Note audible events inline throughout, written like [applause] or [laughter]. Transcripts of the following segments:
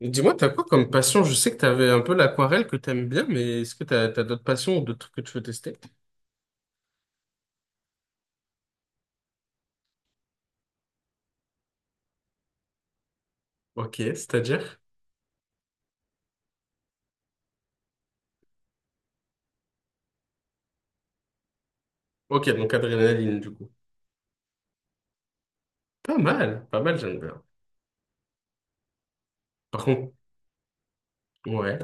Et dis-moi, t'as quoi comme passion? Je sais que t'avais un peu l'aquarelle que t'aimes bien, mais est-ce que t'as, t'as d'autres passions ou d'autres trucs que tu veux tester? Ok, c'est-à-dire? Ok, donc adrénaline, du coup. Pas mal, pas mal, j'aime bien. Par contre, ouais.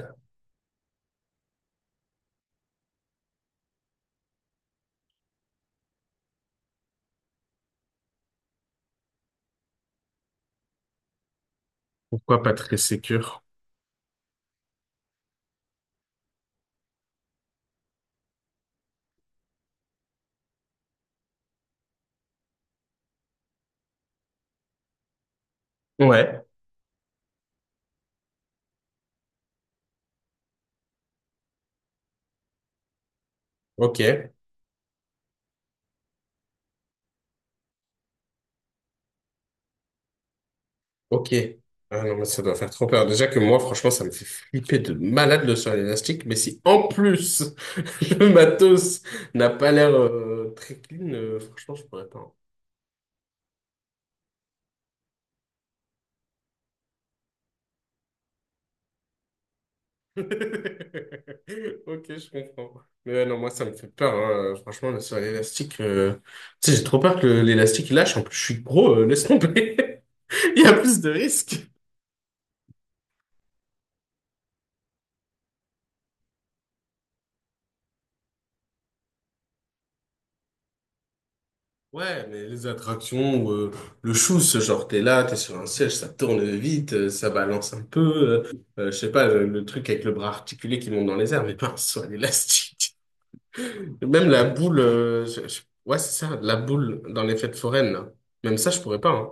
Pourquoi pas très sécure? Ouais, ok, ok. Ah non, mais ça doit faire trop peur. Déjà que moi, franchement, ça me fait flipper de malade le sol élastique, mais si en plus [laughs] le matos n'a pas l'air très clean, franchement, je pourrais pas, hein. [laughs] Ok, je comprends. Mais ouais, non, moi, ça me fait peur, hein. Franchement, là, sur l'élastique, tu sais, j'ai trop peur que l'élastique il lâche. En plus, je suis gros, laisse tomber. [laughs] Il y a plus de risques. Ouais, mais les attractions, ou, le chou, ce genre, t'es là, t'es sur un siège, ça tourne vite, ça balance un peu. Je sais pas, le truc avec le bras articulé qui monte dans les airs, mais pas [laughs] sur l'élastique. Même la boule, ouais, c'est ça, la boule dans les fêtes foraines, là. Même ça, je pourrais pas, hein.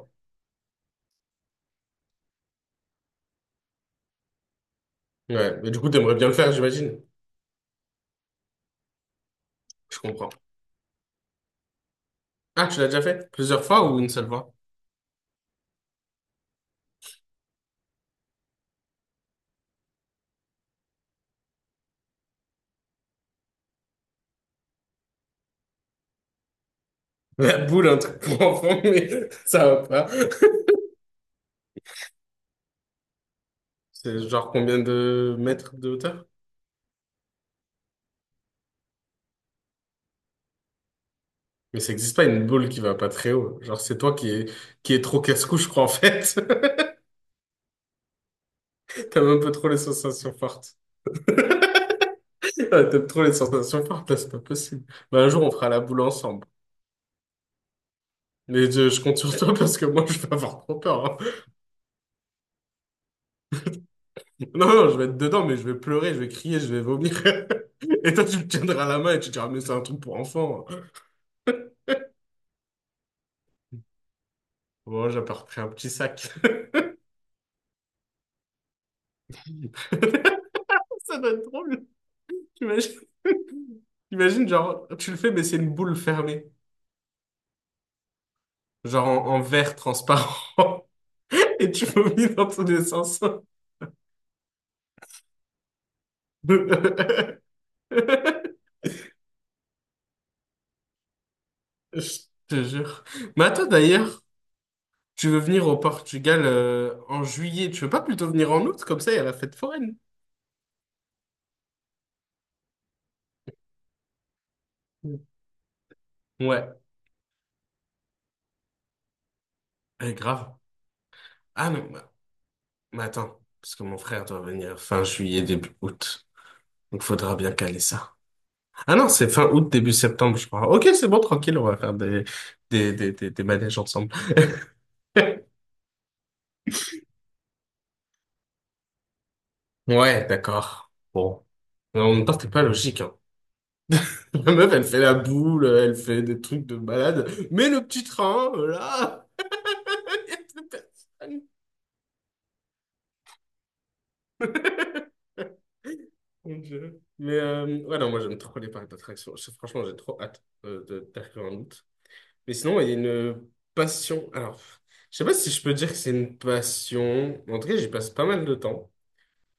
Ouais, mais du coup, t'aimerais bien le faire, j'imagine. Je comprends. Ah, tu l'as déjà fait? Plusieurs fois ou une seule fois? [laughs] La boule, un truc pour enfant, [laughs] mais ça va pas. C'est genre combien de mètres de hauteur? Mais ça existe pas une boule qui va pas très haut. Genre, c'est toi qui est trop casse-cou, je crois, en fait. [laughs] T'aimes un peu trop les sensations fortes. [laughs] Ouais, t'aimes trop les sensations fortes, là, c'est pas possible. Bah, un jour, on fera la boule ensemble. Mais je compte sur toi parce que moi, je vais avoir trop peur, hein. Non, non, je vais être dedans, mais je vais pleurer, je vais crier, je vais vomir. [laughs] Et toi, tu me tiendras la main et tu diras, mais c'est un truc pour enfants. Bon, j'ai pas repris un petit sac. [laughs] Ça doit être drôle. T'imagines, [laughs] t'imagines, genre, tu le fais, mais c'est une boule fermée. Genre en, en verre transparent. [laughs] Et tu vomis dans tous les sens. [laughs] Je te jure. Mais attends, d'ailleurs, tu veux venir au Portugal en juillet. Tu veux pas plutôt venir en août? Comme ça, il y a la fête foraine. Ouais, eh, grave. Ah non, bah, mais attends, parce que mon frère doit venir fin juillet, début août. Donc faudra bien caler ça. Ah non, c'est fin août, début septembre, je crois. Ok, c'est bon, tranquille, on va faire des manèges ensemble. [laughs] Ouais, d'accord. Bon. Mais en même temps, pas logique, hein. [laughs] La meuf, elle fait la boule, elle fait des trucs de malade. Mais le petit train, là, [laughs] il y a plus personne. Mon Dieu. Mais ouais, non, moi j'aime trop les parcs d'attractions. Franchement, j'ai trop hâte d'arriver en août. Mais sinon, il y a une passion. Alors, je sais pas si je peux dire que c'est une passion. En tout cas, j'y passe pas mal de temps.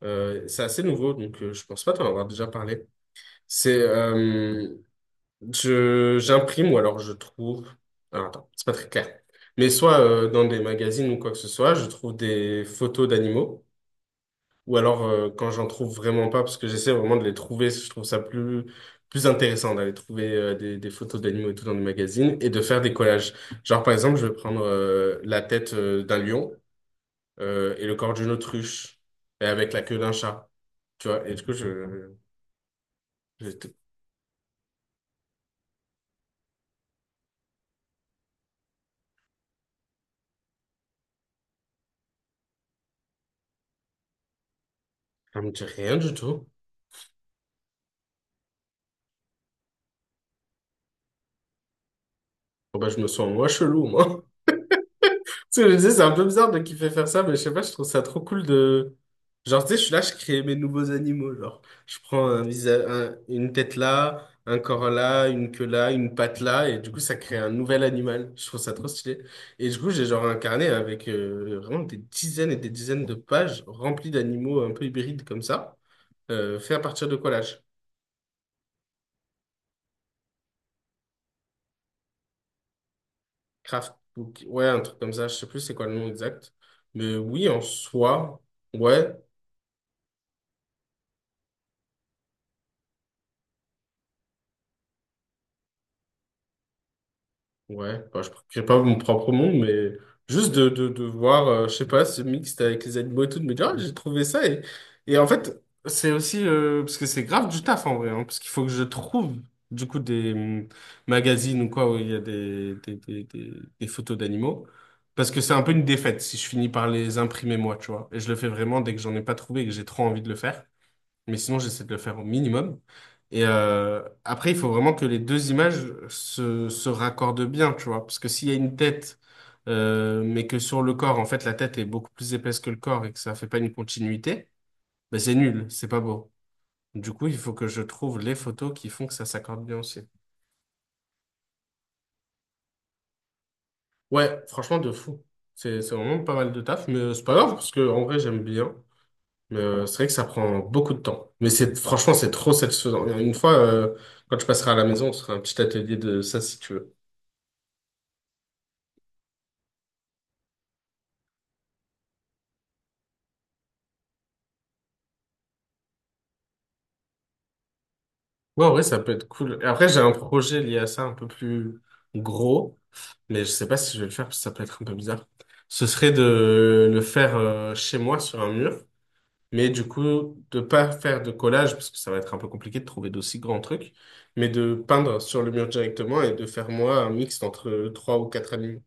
C'est assez nouveau, donc je pense pas t'en avoir déjà parlé. C'est, euh, J'imprime ou alors je trouve. Alors, attends, c'est pas très clair. Mais soit dans des magazines ou quoi que ce soit, je trouve des photos d'animaux. Ou alors, quand j'en trouve vraiment pas, parce que j'essaie vraiment de les trouver, je trouve ça plus intéressant d'aller trouver des photos d'animaux et tout dans des magazines et de faire des collages. Genre, par exemple, je vais prendre la tête d'un lion et le corps d'une autruche et avec la queue d'un chat, tu vois. Et du coup, je, ça me dit rien du tout. Bon, bah, je me sens moi chelou, moi. Tu sais, je me disais, c'est un peu bizarre de kiffer faire ça, mais je sais pas, je trouve ça trop cool de. Genre, tu sais, je suis là, je crée mes nouveaux animaux. Genre, je prends un visage, une tête là, un corps là, une queue là, une patte là, et du coup, ça crée un nouvel animal. Je trouve ça trop stylé. Et du coup, j'ai genre un carnet avec vraiment des dizaines et des dizaines de pages remplies d'animaux un peu hybrides comme ça, fait à partir de collages. Craft book. Ouais, un truc comme ça, je sais plus c'est quoi le nom exact. Mais oui, en soi, ouais. Ouais, bah, je ne crée pas mon propre monde, mais juste de, de voir, je sais pas, ce mixte avec les animaux et tout, de me dire, ah, j'ai trouvé ça. Et en fait, c'est aussi, parce que c'est grave du taf en vrai, hein, parce qu'il faut que je trouve, du coup, des magazines ou quoi, où il y a des photos d'animaux. Parce que c'est un peu une défaite si je finis par les imprimer moi, tu vois. Et je le fais vraiment dès que j'en ai pas trouvé et que j'ai trop envie de le faire, mais sinon j'essaie de le faire au minimum. Et après, il faut vraiment que les deux images se raccordent bien, tu vois. Parce que s'il y a une tête, mais que sur le corps, en fait, la tête est beaucoup plus épaisse que le corps et que ça fait pas une continuité, ben c'est nul, c'est pas beau. Du coup, il faut que je trouve les photos qui font que ça s'accorde bien aussi. Ouais, franchement, de fou. C'est vraiment pas mal de taf, mais c'est pas grave, parce que en vrai, j'aime bien. C'est vrai que ça prend beaucoup de temps. Mais c'est franchement, c'est trop satisfaisant. Une fois, quand je passerai à la maison, on se fera un petit atelier de ça si tu veux. Ouais, en vrai, ça peut être cool. Et après, j'ai un projet lié à ça un peu plus gros, mais je sais pas si je vais le faire parce que ça peut être un peu bizarre. Ce serait de le faire chez moi sur un mur, mais du coup, de pas faire de collage parce que ça va être un peu compliqué de trouver d'aussi grands trucs, mais de peindre sur le mur directement et de faire moi un mixte entre trois ou quatre animaux.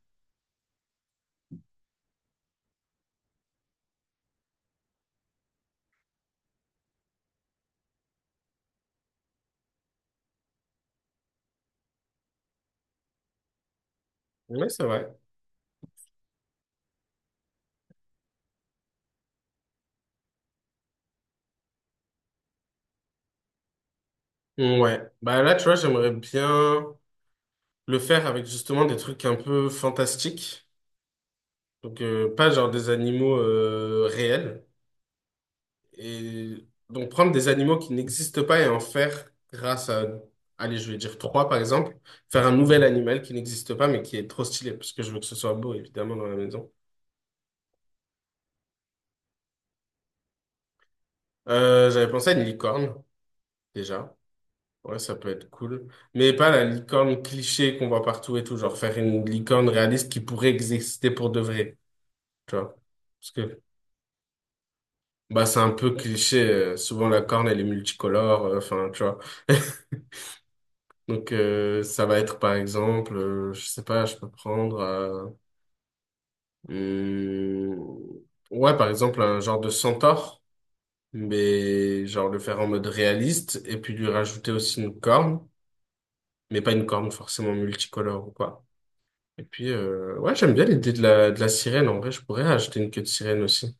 Ouais, c'est vrai. Ouais, bah là, tu vois, j'aimerais bien le faire avec justement des trucs un peu fantastiques. Donc, pas genre des animaux réels. Et donc, prendre des animaux qui n'existent pas et en faire grâce à, allez, je vais dire trois par exemple, faire un nouvel animal qui n'existe pas mais qui est trop stylé parce que je veux que ce soit beau évidemment dans la maison. J'avais pensé à une licorne déjà. Ouais, ça peut être cool. Mais pas la licorne cliché qu'on voit partout et tout, genre faire une licorne réaliste qui pourrait exister pour de vrai, tu vois. Parce que bah, c'est un peu cliché, souvent la corne, elle est multicolore, enfin, tu vois. [laughs] Donc, ça va être, par exemple, je sais pas, je peux prendre... hum, ouais, par exemple, un genre de centaure, mais genre le faire en mode réaliste, et puis lui rajouter aussi une corne, mais pas une corne forcément multicolore ou quoi. Et puis, ouais, j'aime bien l'idée de de la sirène. En vrai, je pourrais ajouter une queue de sirène aussi.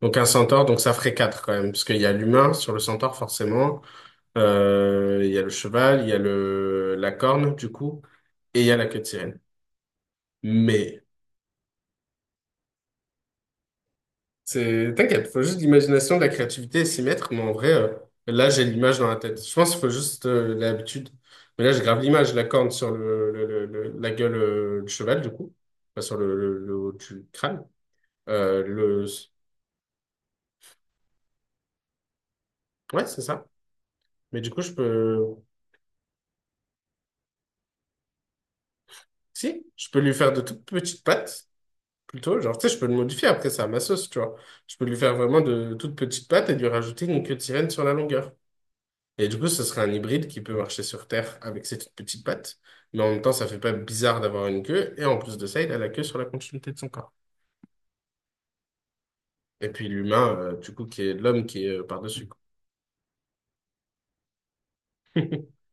Donc un centaure, donc ça ferait quatre quand même, parce qu'il y a l'humain sur le centaure forcément. Il y a le cheval, il y a la corne, du coup, et il y a la queue de sirène. Mais c'est, t'inquiète, faut juste de l'imagination, de la créativité et s'y mettre. Mais en vrai, là, j'ai l'image dans la tête. Je pense qu'il faut juste l'habitude. Mais là, j'ai grave l'image, la corne sur la gueule du cheval, du coup. Enfin, sur le haut du crâne. Euh, le... Ouais, c'est ça. Mais du coup, je peux... Si, je peux lui faire de toutes petites pattes. Plutôt, genre, tu sais, je peux le modifier après, c'est à ma sauce, tu vois. Je peux lui faire vraiment de toutes petites pattes et lui rajouter une queue de sirène sur la longueur. Et du coup, ce serait un hybride qui peut marcher sur Terre avec ses toutes petites pattes. Mais en même temps, ça fait pas bizarre d'avoir une queue. Et en plus de ça, il a la queue sur la continuité de son corps. Et puis l'humain, du coup, qui est l'homme qui est par-dessus, quoi. [laughs]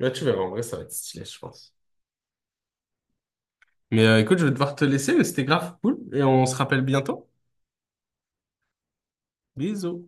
Là, tu verras, en vrai, ça va être stylé, je pense. Mais écoute, je vais devoir te laisser, mais c'était grave cool. Et on se rappelle bientôt. Bisous.